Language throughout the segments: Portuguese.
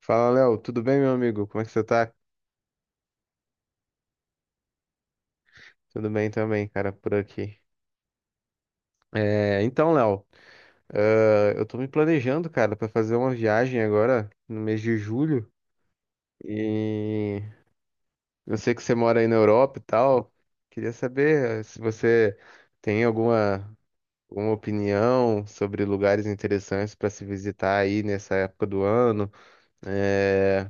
Fala, Léo, tudo bem, meu amigo? Como é que você tá? Tudo bem também, cara, por aqui. É, então, Léo, ah, eu tô me planejando, cara, pra fazer uma viagem agora no mês de julho e eu sei que você mora aí na Europa e tal. Queria saber se você tem alguma opinião sobre lugares interessantes pra se visitar aí nessa época do ano. É,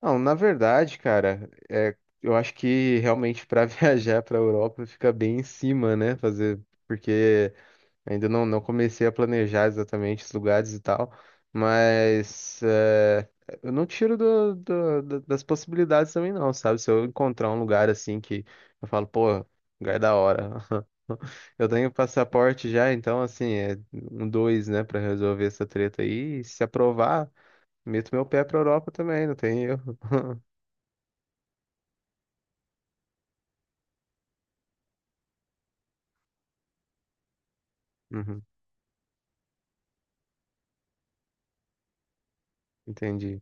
não, na verdade, cara, é, eu acho que realmente para viajar para a Europa fica bem em cima, né? Fazer, porque ainda não comecei a planejar exatamente os lugares e tal, mas é, eu não tiro das possibilidades também, não, sabe? Se eu encontrar um lugar assim que eu falo, pô, lugar é da hora. Eu tenho passaporte já, então assim, é um dois, né, para resolver essa treta aí. E se aprovar, meto meu pé para Europa também, não tem erro. Uhum. Entendi.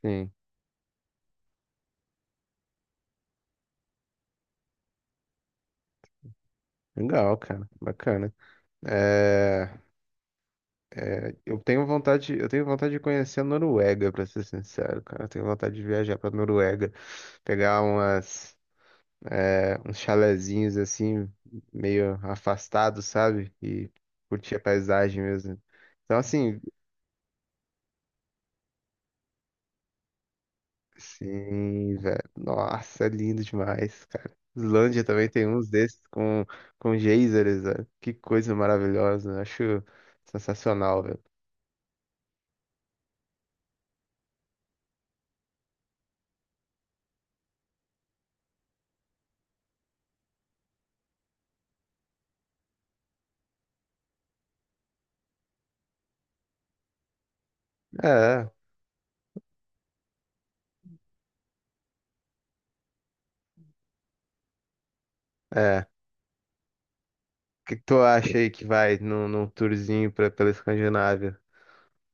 Sim. Legal, cara. Bacana. É, eu tenho vontade de conhecer a Noruega, pra ser sincero, cara. Eu tenho vontade de viajar pra Noruega, pegar umas, é, uns chalezinhos assim, meio afastados, sabe? E curtir a paisagem mesmo. Então, assim, sim, velho. Nossa, é lindo demais, cara. Islândia também tem uns desses com geysers, velho. Que coisa maravilhosa. Eu acho sensacional, velho. É, é. O que que tu acha aí que vai num, num tourzinho pra, pela Escandinávia?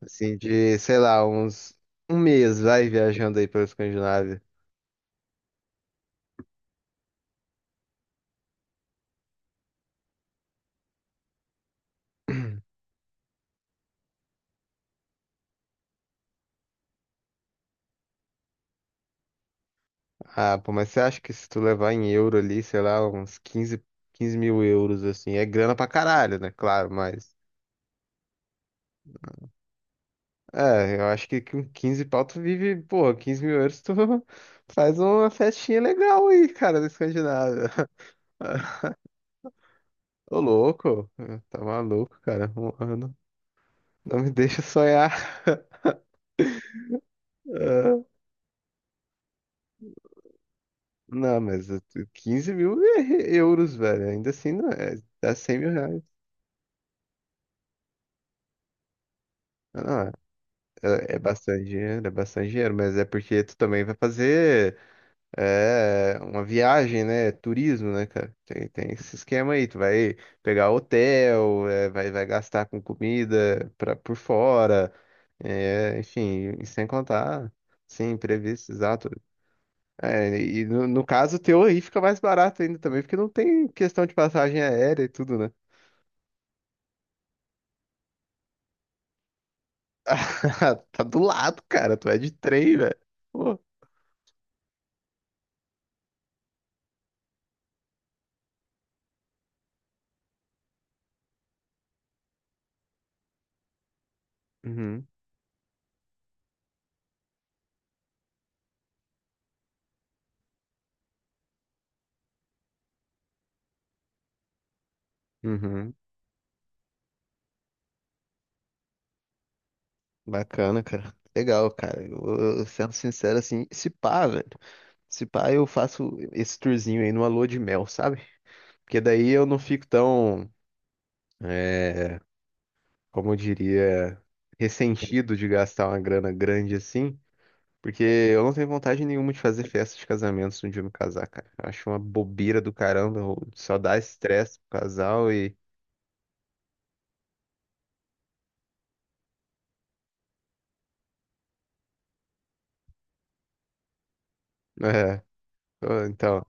Assim, de, sei lá, uns. Um mês vai viajando aí pela Escandinávia. Ah, pô, mas você acha que se tu levar em euro ali, sei lá, uns 15, 15 mil euros, assim, é grana pra caralho, né? Claro, mas. É, eu acho que com 15 pau tu vive, pô, 15 mil euros tu faz uma festinha legal aí, cara, na Escandinávia. Ô, louco, tá maluco, cara. Um ano. Não me deixa sonhar. Não, mas eu- 15 mil é euros, velho. Ainda assim, não é. Dá 100 mil reais. Ah, não, é, é bastante dinheiro, é bastante dinheiro, mas é porque tu também vai fazer é, uma viagem, né? Turismo, né, cara? Tem, tem esse esquema aí. Tu vai pegar hotel, é, vai gastar com comida pra, por fora, é, enfim, e sem contar, sim, imprevisto, exato. É, e no caso teu aí fica mais barato ainda também, porque não tem questão de passagem aérea e tudo, né? Tá do lado, cara. Tu é de trem, velho. Pô. Uhum, uhum. Bacana, cara. Legal, cara. Eu sendo sincero, assim, se pá, velho. Se pá, eu faço esse tourzinho aí numa lua de mel, sabe? Porque daí eu não fico tão, é, como eu diria, ressentido de gastar uma grana grande assim. Porque eu não tenho vontade nenhuma de fazer festa de casamento se um dia eu me casar, cara. Eu acho uma bobeira do caramba. Só dá estresse pro casal e. É, então.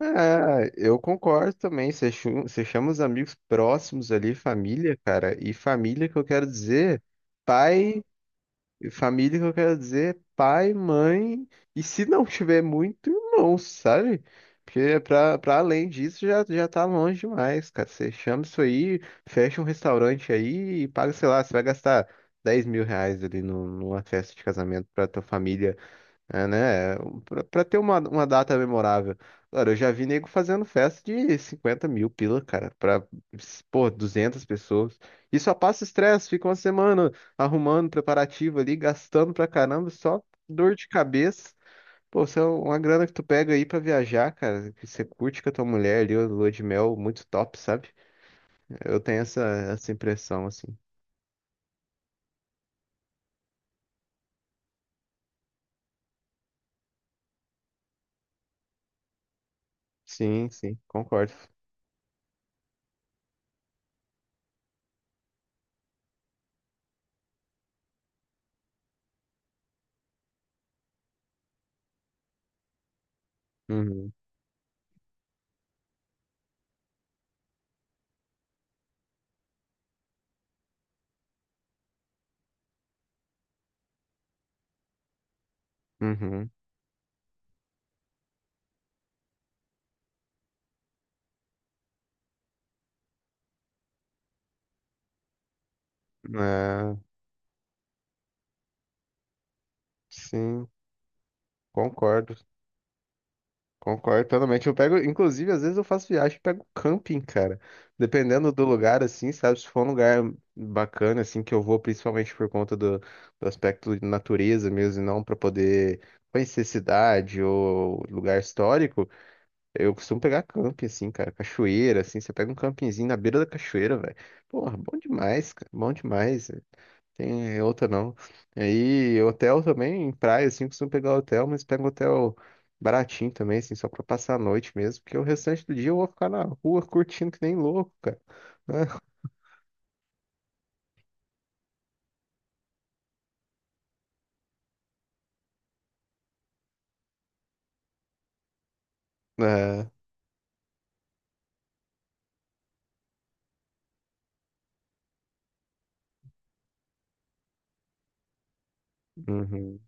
Ah, eu concordo também. Você chama os amigos próximos ali, família, cara. E família que eu quero dizer, pai, família que eu quero dizer, pai, mãe. E se não tiver muito, irmão, sabe? Porque pra além disso já, já tá longe demais, cara. Você chama isso aí, fecha um restaurante aí e paga, sei lá, você vai gastar 10 mil reais ali numa festa de casamento pra tua família. É, né? Pra ter uma data memorável. Cara, eu já vi nego fazendo festa de 50 mil pila, cara, pra, pô, 200 pessoas. E só passa estresse, fica uma semana arrumando preparativo ali, gastando pra caramba, só dor de cabeça. Pô, isso é uma grana que tu pega aí pra viajar, cara, que você curte com a tua mulher ali, a lua de mel, muito top, sabe? Eu tenho essa impressão, assim. Sim, sim, concordo. Uhum, uhum. É, sim, concordo. Concordo totalmente. Eu pego, inclusive, às vezes eu faço viagem e pego camping, cara. Dependendo do lugar, assim, sabe? Se for um lugar bacana, assim, que eu vou, principalmente por conta do aspecto de natureza mesmo, e não para poder conhecer cidade ou lugar histórico, eu costumo pegar camping, assim, cara. Cachoeira, assim, você pega um campinzinho na beira da cachoeira, velho. Porra, bom demais, cara. Bom demais. Tem outra não. Aí, hotel também, em praia, assim, costumo pegar hotel, mas pego hotel baratinho também, assim, só pra passar a noite mesmo, porque o restante do dia eu vou ficar na rua curtindo que nem louco, cara. É, uhum.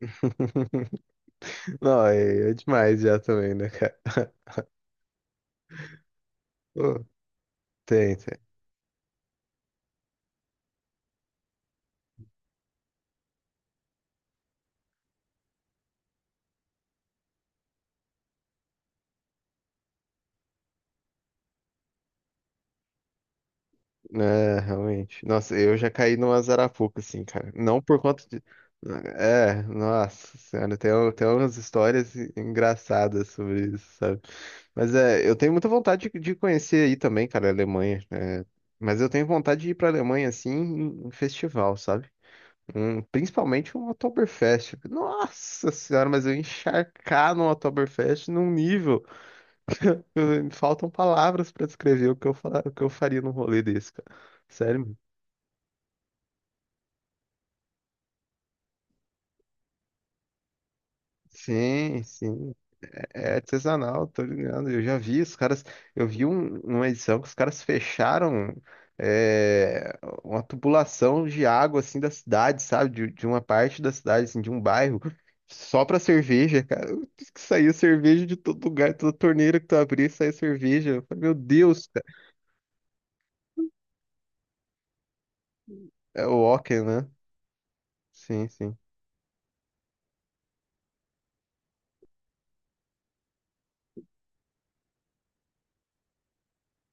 Não, é, é demais já também, né, cara? Pô, tem, tem. É, realmente. Nossa, eu já caí numa Zarapuca, assim, cara. Não por conta de. É, nossa senhora, tem, tem umas histórias engraçadas sobre isso, sabe? Mas é, eu tenho muita vontade de conhecer aí também, cara, a Alemanha. É. Mas eu tenho vontade de ir pra Alemanha, assim, em festival, sabe? Principalmente um Oktoberfest. Nossa senhora, mas eu encharcar no Oktoberfest num nível. Faltam palavras pra descrever o que eu, o que eu faria num rolê desse, cara. Sério, mano. Sim, sim. É artesanal, tô ligado. Eu já vi os caras. Eu vi uma edição que os caras fecharam é, uma tubulação de água assim da cidade, sabe? De uma parte da cidade, assim, de um bairro, só pra cerveja, cara. Que saiu cerveja de todo lugar, toda torneira que tu abria, saiu cerveja. Eu falei, meu Deus, cara. É o Ocken, né? Sim, sim,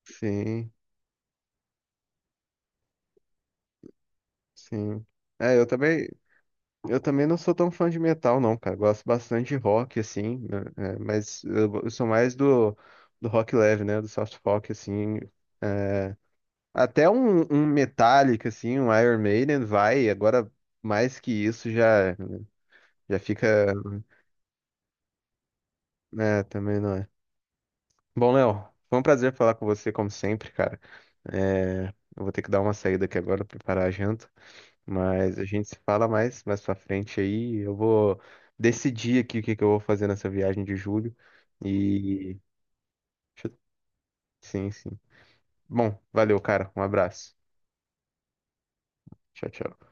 sim, sim. É, eu também. Eu também não sou tão fã de metal, não, cara. Gosto bastante de rock, assim, né, é, mas eu sou mais do rock leve, né? Do soft rock, assim. É. Até um, um Metallica, assim, um Iron Maiden vai. Agora, mais que isso, já, já fica. Né, também não é. Bom, Léo, foi um prazer falar com você, como sempre, cara. É, eu vou ter que dar uma saída aqui agora, preparar a janta. Mas a gente se fala mais pra frente aí. Eu vou decidir aqui o que que eu vou fazer nessa viagem de julho. E. deixa eu- Sim, sim. Bom, valeu, cara. Um abraço. Tchau, tchau.